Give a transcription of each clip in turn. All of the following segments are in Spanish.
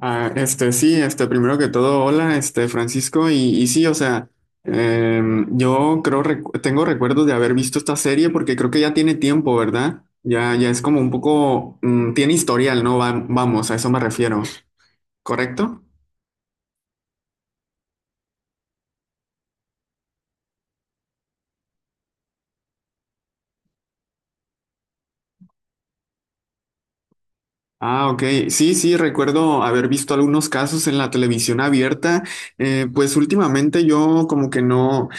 Ah, sí, primero que todo, hola, Francisco, y sí, o sea, yo creo, tengo recuerdos de haber visto esta serie porque creo que ya tiene tiempo, ¿verdad? Ya es como un poco, tiene historial, ¿no? Vamos, a eso me refiero, ¿correcto? Ah, ok. Sí, sí, recuerdo haber visto algunos casos en la televisión abierta. Pues últimamente yo como que no,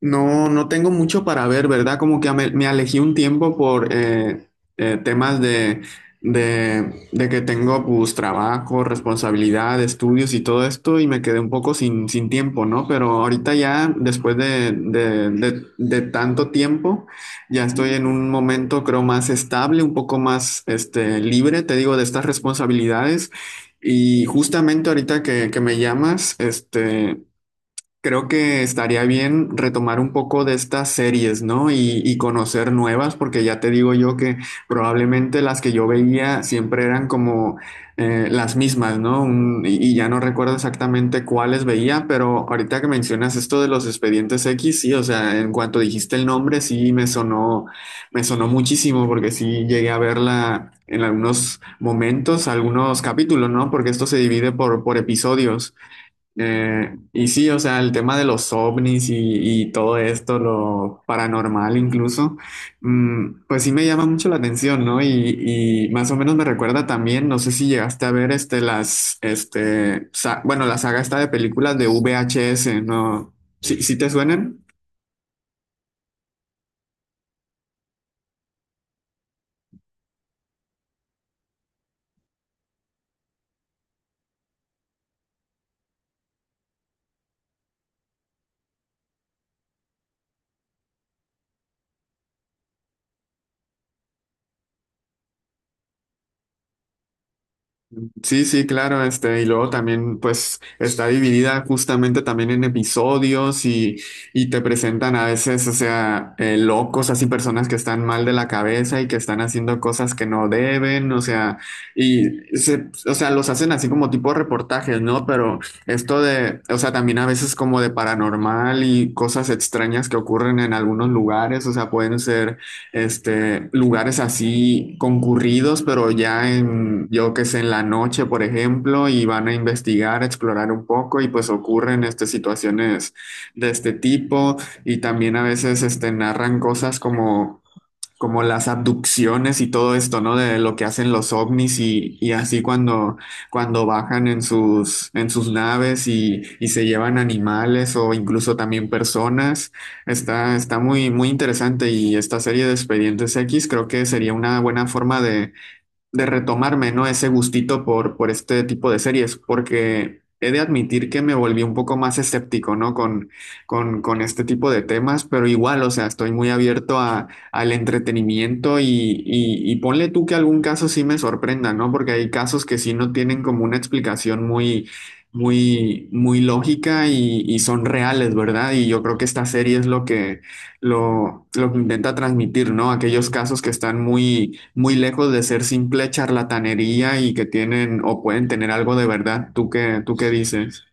no tengo mucho para ver, ¿verdad? Como que me alejé un tiempo por temas de, de que tengo pues trabajo, responsabilidad, estudios y todo esto y me quedé un poco sin tiempo, ¿no? Pero ahorita ya, después de tanto tiempo. Ya estoy en un momento, creo, más estable, un poco más libre, te digo, de estas responsabilidades. Y justamente ahorita que me llamas, creo que estaría bien retomar un poco de estas series, ¿no? Y conocer nuevas, porque ya te digo yo que probablemente las que yo veía siempre eran como las mismas, ¿no? Y ya no recuerdo exactamente cuáles veía, pero ahorita que mencionas esto de los expedientes X, sí, o sea, en cuanto dijiste el nombre, sí me sonó muchísimo, porque sí llegué a verla en algunos momentos, algunos capítulos, ¿no? Porque esto se divide por episodios. Y sí, o sea, el tema de los ovnis y todo esto, lo paranormal incluso, pues sí me llama mucho la atención, ¿no? Y más o menos me recuerda también, no sé si llegaste a ver bueno, la saga esta de películas de VHS, ¿no? ¿Sí, sí te suenan? Sí, sí, claro, y luego también, pues, está dividida justamente también en episodios y te presentan a veces, o sea, locos, así personas que están mal de la cabeza y que están haciendo cosas que no deben, o sea, y se, o sea, los hacen así como tipo reportajes, ¿no? Pero esto de, o sea, también a veces como de paranormal y cosas extrañas que ocurren en algunos lugares, o sea, pueden ser lugares así concurridos, pero ya en, yo que sé, en la noche, por ejemplo, y van a investigar, explorar un poco y pues ocurren situaciones de este tipo y también a veces narran cosas como como las abducciones y todo esto, ¿no? De lo que hacen los ovnis y así cuando, cuando bajan en sus naves y se llevan animales o incluso también personas. Está, está muy, muy interesante y esta serie de Expedientes X creo que sería una buena forma de retomarme, ¿no? Ese gustito por este tipo de series, porque he de admitir que me volví un poco más escéptico, ¿no? Con este tipo de temas, pero igual, o sea, estoy muy abierto a, al entretenimiento y ponle tú que algún caso sí me sorprenda, ¿no? Porque hay casos que sí no tienen como una explicación muy... Muy, muy lógica y son reales, ¿verdad? Y yo creo que esta serie es lo que, lo que intenta transmitir, ¿no? Aquellos casos que están muy, muy lejos de ser simple charlatanería y que tienen o pueden tener algo de verdad. Tú qué dices?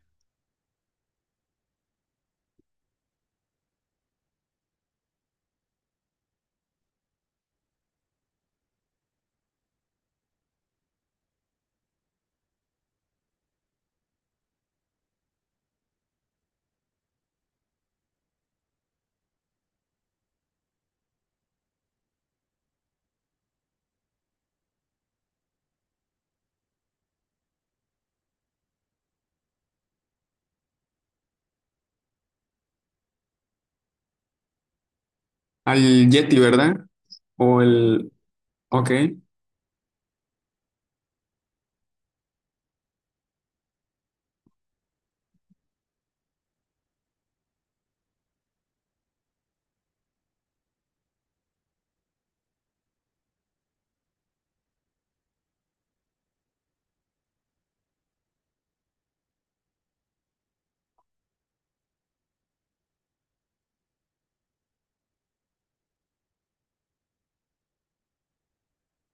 Al Yeti, ¿verdad? O el... Ok.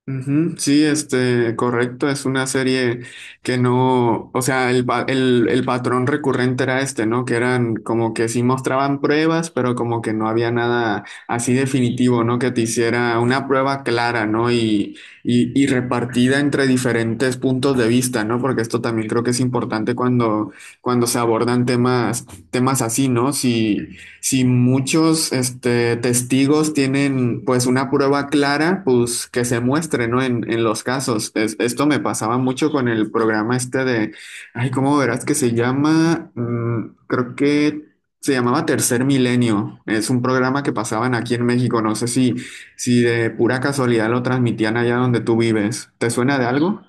Ujú, sí, correcto, es una serie que no, o sea, el patrón recurrente era este, ¿no? Que eran como que sí mostraban pruebas, pero como que no había nada así definitivo, ¿no? Que te hiciera una prueba clara, ¿no? Y repartida entre diferentes puntos de vista, ¿no? Porque esto también creo que es importante cuando, cuando se abordan temas, temas así, ¿no? Si, si muchos testigos tienen pues una prueba clara, pues que se muestre, ¿no? En los casos. Esto me pasaba mucho con el programa este de, ay, ¿cómo verás que se llama? Mm, creo que se llamaba Tercer Milenio. Es un programa que pasaban aquí en México. No sé si, si de pura casualidad lo transmitían allá donde tú vives. ¿Te suena de algo?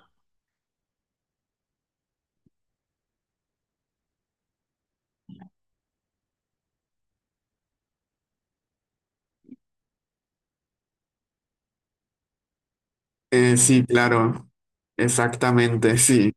Sí, claro. Exactamente, sí.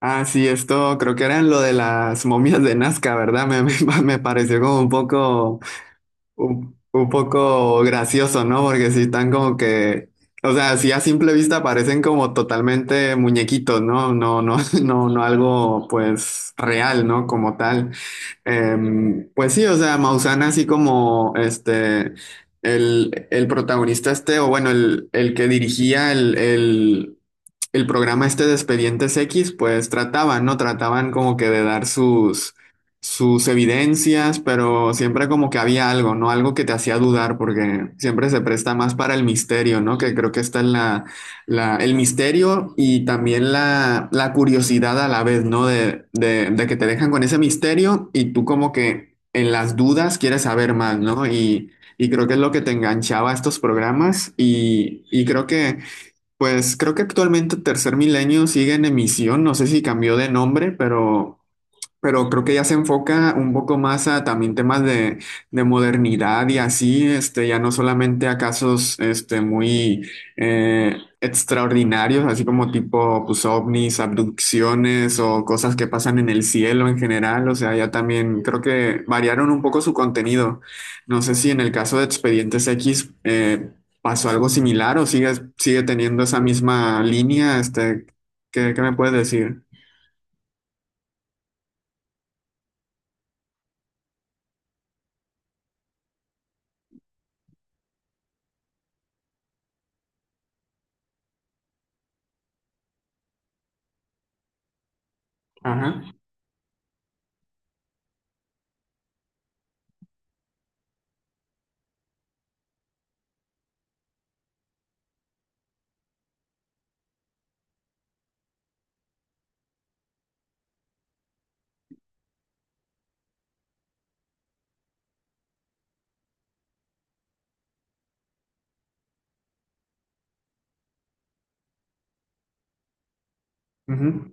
Ah, sí, esto creo que era en lo de las momias de Nazca, ¿verdad? Me, me pareció como un poco gracioso, ¿no? Porque sí están como que, o sea, sí a simple vista parecen como totalmente muñequitos, ¿no? No, no, no, no algo pues real, ¿no? Como tal. Pues sí, o sea, Maussan así como el protagonista este, o bueno, el que dirigía el programa este de Expedientes X, pues trataban, ¿no? Trataban como que de dar sus, sus evidencias, pero siempre como que había algo, ¿no? Algo que te hacía dudar, porque siempre se presta más para el misterio, ¿no? Que creo que esta es el misterio y también la curiosidad a la vez, ¿no? De que te dejan con ese misterio y tú como que en las dudas quieres saber más, ¿no? Y creo que es lo que te enganchaba a estos programas y creo que, pues creo que actualmente Tercer Milenio sigue en emisión, no sé si cambió de nombre, pero... Pero creo que ya se enfoca un poco más a también temas de modernidad y así, ya no solamente a casos este, muy extraordinarios, así como tipo pues, ovnis, abducciones o cosas que pasan en el cielo en general. O sea, ya también creo que variaron un poco su contenido. No sé si en el caso de Expedientes X pasó algo similar o sigue, sigue teniendo esa misma línea. Este, ¿qué, qué me puedes decir? Ajá. Ujú.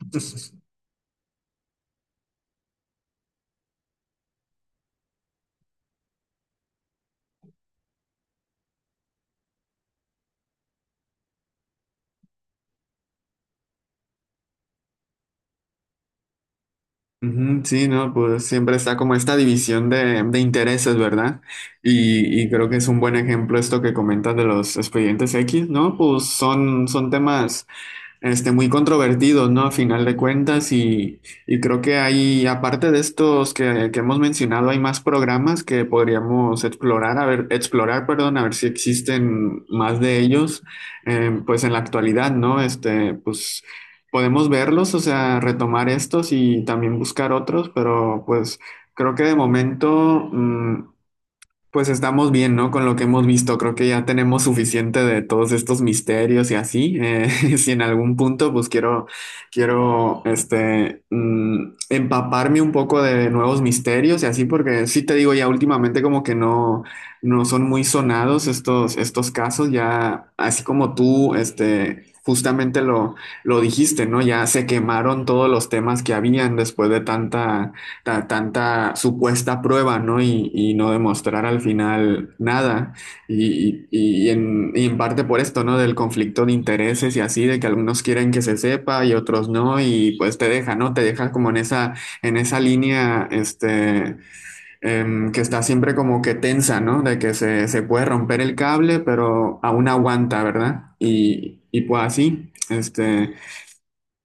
Ujú, sí, no, pues siempre está como esta división de intereses, ¿verdad? Y creo que es un buen ejemplo esto que comentas de los expedientes X, ¿no? Pues son, son temas muy controvertidos, ¿no? A final de cuentas, y creo que hay, aparte de estos que hemos mencionado, hay más programas que podríamos explorar, a ver, explorar, perdón, a ver si existen más de ellos, pues en la actualidad, ¿no? Pues podemos verlos, o sea, retomar estos y también buscar otros, pero pues creo que de momento, pues estamos bien, ¿no? Con lo que hemos visto, creo que ya tenemos suficiente de todos estos misterios y así. Si en algún punto, pues quiero, quiero, empaparme un poco de nuevos misterios y así, porque sí te digo, ya últimamente como que no, no son muy sonados estos, estos casos, ya así como tú, justamente lo dijiste, ¿no? Ya se quemaron todos los temas que habían después de tanta tanta supuesta prueba, ¿no? Y no demostrar al final nada. Y en parte por esto, ¿no? Del conflicto de intereses y así, de que algunos quieren que se sepa y otros no, y pues te deja, ¿no? Te deja como en esa línea, que está siempre como que tensa, ¿no? De que se puede romper el cable, pero aún aguanta, ¿verdad? Y pues así, este...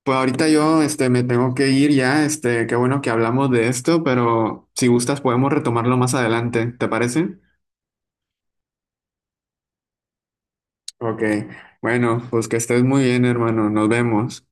Pues ahorita yo me tengo que ir ya, qué bueno que hablamos de esto, pero si gustas podemos retomarlo más adelante, ¿te parece? Ok, bueno, pues que estés muy bien, hermano, nos vemos.